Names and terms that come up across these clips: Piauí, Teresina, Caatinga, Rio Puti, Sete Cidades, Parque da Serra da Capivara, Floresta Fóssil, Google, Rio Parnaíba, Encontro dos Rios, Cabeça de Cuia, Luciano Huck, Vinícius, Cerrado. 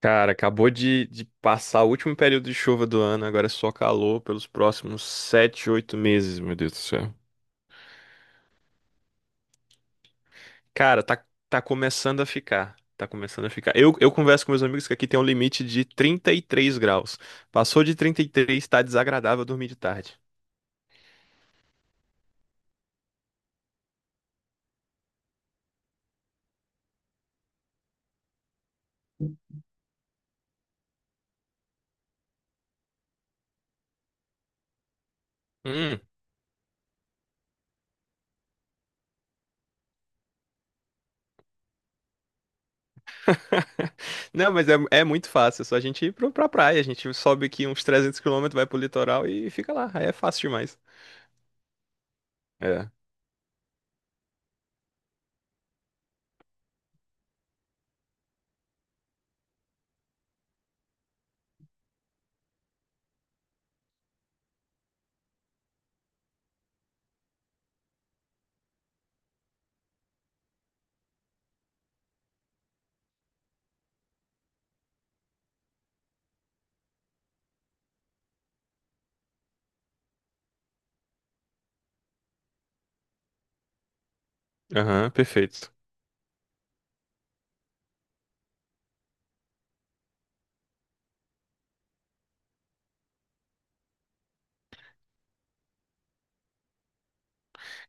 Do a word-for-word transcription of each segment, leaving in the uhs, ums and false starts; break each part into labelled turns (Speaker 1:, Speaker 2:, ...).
Speaker 1: Cara, acabou de, de passar o último período de chuva do ano, agora é só calor pelos próximos sete, oito meses, meu Deus do céu. Cara, tá, tá começando a ficar. Tá começando a ficar. Eu, eu converso com meus amigos que aqui tem um limite de trinta e três graus. Passou de trinta e três, tá desagradável dormir de tarde. Hum. Não, mas é, é muito fácil, é só a gente ir pro, pra praia. A gente sobe aqui uns trezentos quilômetros, vai pro litoral e fica lá. Aí é fácil demais. É. Aham, perfeito.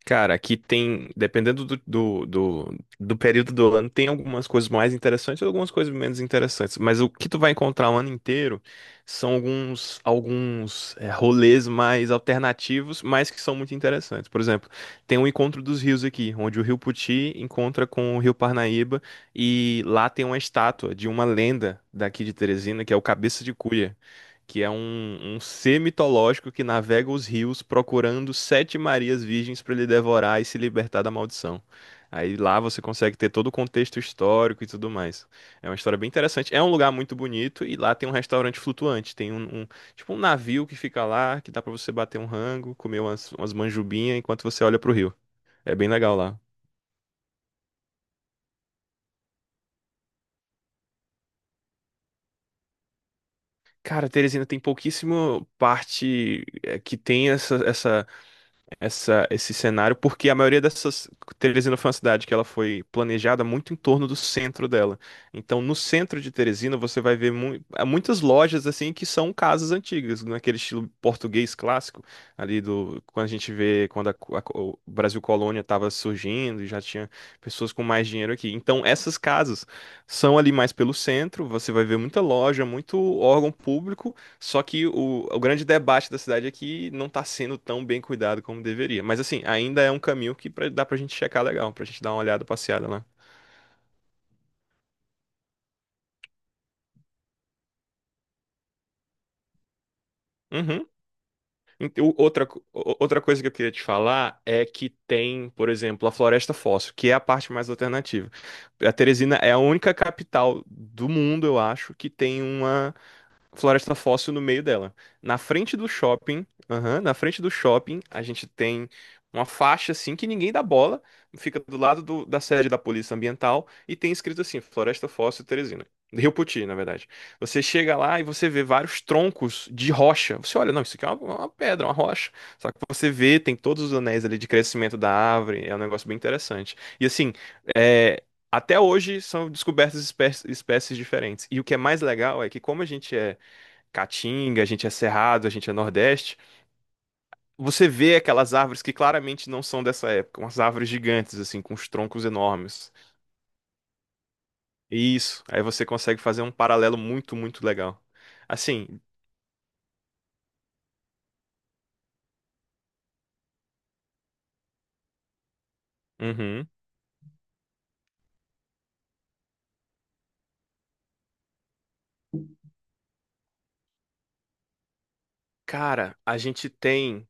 Speaker 1: Cara, aqui tem, dependendo do, do, do, do período do ano, tem algumas coisas mais interessantes e algumas coisas menos interessantes. Mas o que tu vai encontrar o ano inteiro são alguns, alguns é, rolês mais alternativos, mas que são muito interessantes. Por exemplo, tem o Encontro dos Rios aqui, onde o Rio Puti encontra com o Rio Parnaíba e lá tem uma estátua de uma lenda daqui de Teresina, que é o Cabeça de Cuia, que é um, um ser mitológico que navega os rios procurando sete Marias virgens para ele devorar e se libertar da maldição. Aí lá você consegue ter todo o contexto histórico e tudo mais. É uma história bem interessante. É um lugar muito bonito e lá tem um restaurante flutuante. Tem um, um- tipo um navio que fica lá, que dá para você bater um rango, comer umas, umas manjubinhas enquanto você olha pro rio. É bem legal lá. Cara, Teresina tem pouquíssimo parte, eh, que tem essa, essa essa, esse cenário, porque a maioria dessas. Teresina foi uma cidade que ela foi planejada muito em torno do centro dela. Então, no centro de Teresina, você vai ver mu- há muitas lojas assim que são casas antigas, naquele estilo português clássico, ali do. Quando a gente vê, quando a co- a co- o Brasil Colônia estava surgindo e já tinha pessoas com mais dinheiro aqui. Então, essas casas são ali mais pelo centro, você vai ver muita loja, muito órgão público. Só que o, o grande debate da cidade é que não tá sendo tão bem cuidado como deveria. Mas assim, ainda é um caminho que, pra, dá pra gente checar legal, pra gente dar uma olhada passeada lá. Uhum. Ent- o- Outra, co- o- outra coisa que eu queria te falar é que tem, por exemplo, a Floresta Fóssil, que é a parte mais alternativa. A Teresina é a única capital do mundo, eu acho, que tem uma Floresta Fóssil no meio dela. Na frente do shopping, aham, na frente do shopping, a gente tem uma faixa assim que ninguém dá bola, fica do lado do- da sede da Polícia Ambiental e tem escrito assim, Floresta Fóssil Teresina. Rio Poti, na verdade. Você chega lá e você vê vários troncos de rocha. Você olha, não, isso aqui é uma, uma pedra, uma rocha. Só que você vê, tem todos os anéis ali de crescimento da árvore, é um negócio bem interessante. E assim, é, até hoje são descobertas espé- espécies diferentes. E o que é mais legal é que, como a gente é Caatinga, a gente é Cerrado, a gente é Nordeste. Você vê aquelas árvores que claramente não são dessa época, umas árvores gigantes, assim, com os troncos enormes. Isso, aí você consegue fazer um paralelo muito, muito legal. Assim, uhum. Cara, a gente tem.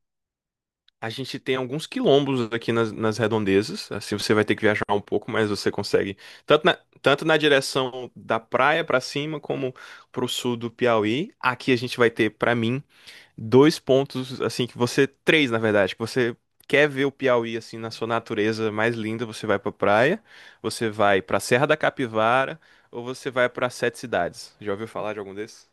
Speaker 1: A gente tem alguns quilombos aqui nas, nas redondezas. Assim, você vai ter que viajar um pouco, mas você consegue. Tanto na, tanto na direção da praia pra cima, como pro sul do Piauí. Aqui a gente vai ter, pra mim, dois pontos, assim, que você. Três, na verdade, que você quer ver o Piauí, assim, na sua natureza mais linda, você vai pra praia, você vai pra Serra da Capivara, ou você vai pra Sete Cidades. Já ouviu falar de algum desses?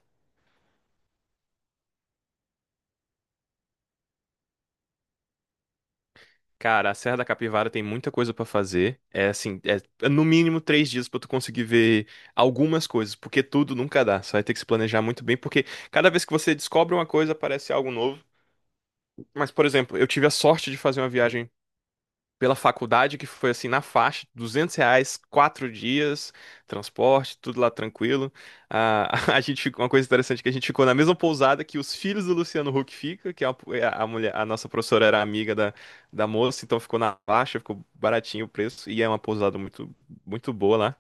Speaker 1: Cara, a Serra da Capivara tem muita coisa pra fazer. É assim, é é no mínimo três dias pra tu conseguir ver algumas coisas, porque tudo nunca dá. Você vai ter que se planejar muito bem, porque cada vez que você descobre uma coisa, aparece algo novo. Mas, por exemplo, eu tive a sorte de fazer uma viagem pela faculdade, que foi assim na faixa, duzentos reais, quatro dias, transporte, tudo lá tranquilo. Ah, a gente, ficou- uma coisa interessante é que a gente ficou na mesma pousada que os filhos do Luciano Huck fica, que a, a mulher, a nossa professora era amiga da, da moça, então ficou na faixa, ficou baratinho o preço e é uma pousada muito, muito boa lá.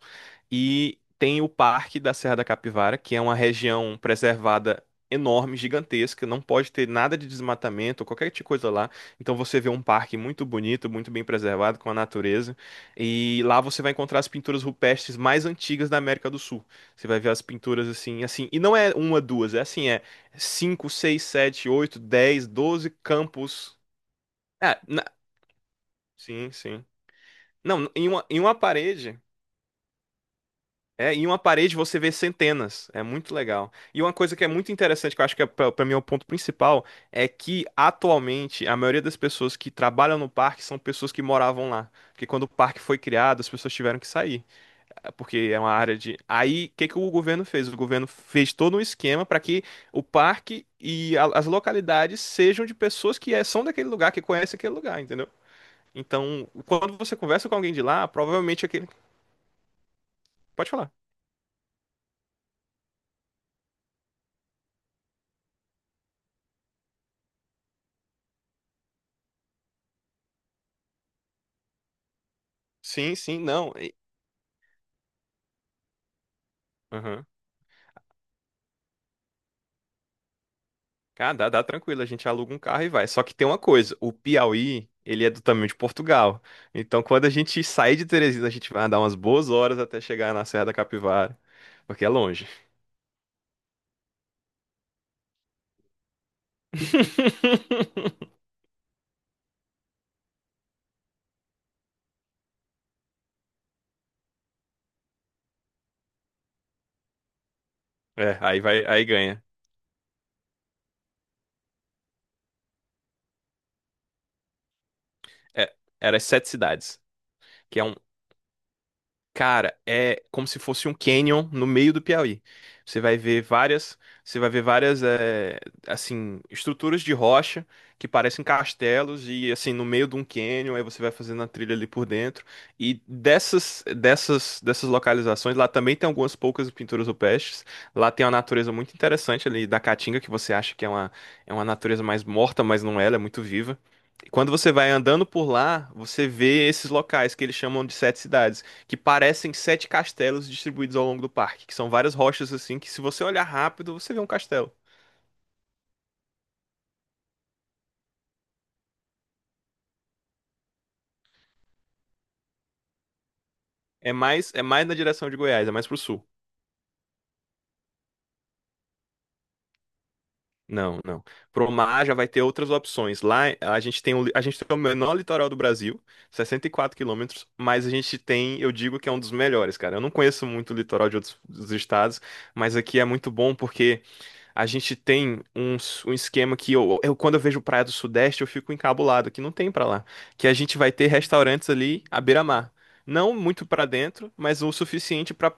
Speaker 1: E tem o Parque da Serra da Capivara, que é uma região preservada enorme, gigantesca, não pode ter nada de desmatamento ou qualquer tipo de coisa lá. Então você vê um parque muito bonito, muito bem preservado, com a natureza. E lá você vai encontrar as pinturas rupestres mais antigas da América do Sul. Você vai ver as pinturas assim, assim. E não é uma, duas, é assim, é cinco, seis, sete, oito, dez, doze campos. É, na- sim, sim. Não, em uma, em uma parede. É, em uma parede você vê centenas. É muito legal. E uma coisa que é muito interessante, que eu acho que é, pra pra mim é o ponto principal, é que atualmente a maioria das pessoas que trabalham no parque são pessoas que moravam lá. Porque quando o parque foi criado, as pessoas tiveram que sair, eh, porque é uma área de. Aí, o que que o governo fez? O governo fez todo um esquema para que o parque e a- as localidades sejam de pessoas que, eh, são daquele lugar, que conhecem aquele lugar, entendeu? Então, quando você conversa com alguém de lá, provavelmente é aquele. Pode falar. Sim, sim, não. e- Aham. Cara, dá, dá tranquilo, a gente aluga um carro e vai. Só que tem uma coisa, o Piauí, ele é do tamanho de Portugal. Então, quando a gente sair de Teresina, a gente vai andar umas boas horas até chegar na Serra da Capivara, porque é longe. É, aí vai, aí ganha. É, era as sete cidades, que é um, cara, é como se fosse um canyon no meio do Piauí. Você vai ver várias, você vai ver várias, eh, assim, estruturas de rocha que parecem castelos e assim no meio de um canyon, aí você vai fazendo a trilha ali por dentro. E dessas, dessas, dessas localizações, lá também tem algumas poucas pinturas rupestres. Lá tem uma natureza muito interessante ali da Caatinga que você acha que é uma, é uma, natureza mais morta, mas não é, ela é muito viva. E quando você vai andando por lá, você vê esses locais que eles chamam de sete cidades, que parecem sete castelos distribuídos ao longo do parque, que são várias rochas assim, que se você olhar rápido, você vê um castelo. É mais, é mais na direção de Goiás, é mais pro sul. Não, não. Pro mar já vai ter outras opções. Lá a gente tem o, li- a gente tem o menor litoral do Brasil, sessenta e quatro quilômetros, mas a gente tem, eu digo que é um dos melhores, cara. Eu não conheço muito o litoral de outros dos estados, mas aqui é muito bom porque a gente tem um, s- um esquema que, eu, eu, quando eu vejo praia do Sudeste, eu fico encabulado, que não tem pra lá. Que a gente vai ter restaurantes ali à beira-mar. Não muito pra dentro, mas o suficiente pra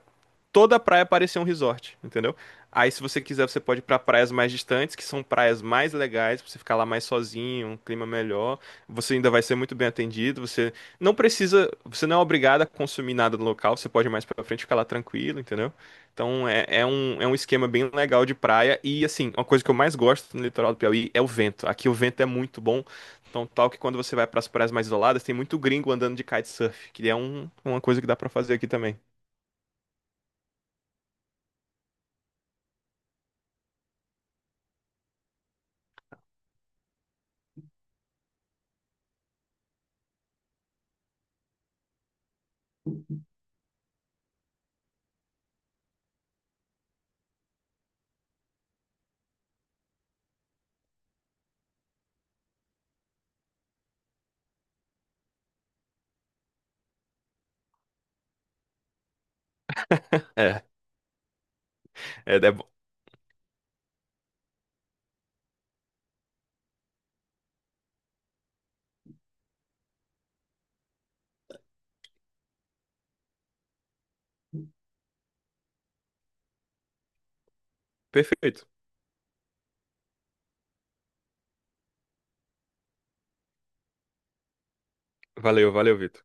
Speaker 1: toda a praia parecia um resort, entendeu? Aí, se você quiser, você pode ir pra praias mais distantes, que são praias mais legais, pra você ficar lá mais sozinho, um clima melhor. Você ainda vai ser muito bem atendido. Você não precisa, você não é obrigado a consumir nada no local, você pode ir mais pra frente e ficar lá tranquilo, entendeu? Então, é, é um, é um esquema bem legal de praia. E, assim, uma coisa que eu mais gosto no litoral do Piauí é o vento. Aqui o vento é muito bom. Então, tal que quando você vai pras praias mais isoladas, tem muito gringo andando de kitesurf, que é um- uma coisa que dá pra fazer aqui também. É, é, é Perfeito. Valeu, valeu, Vitor.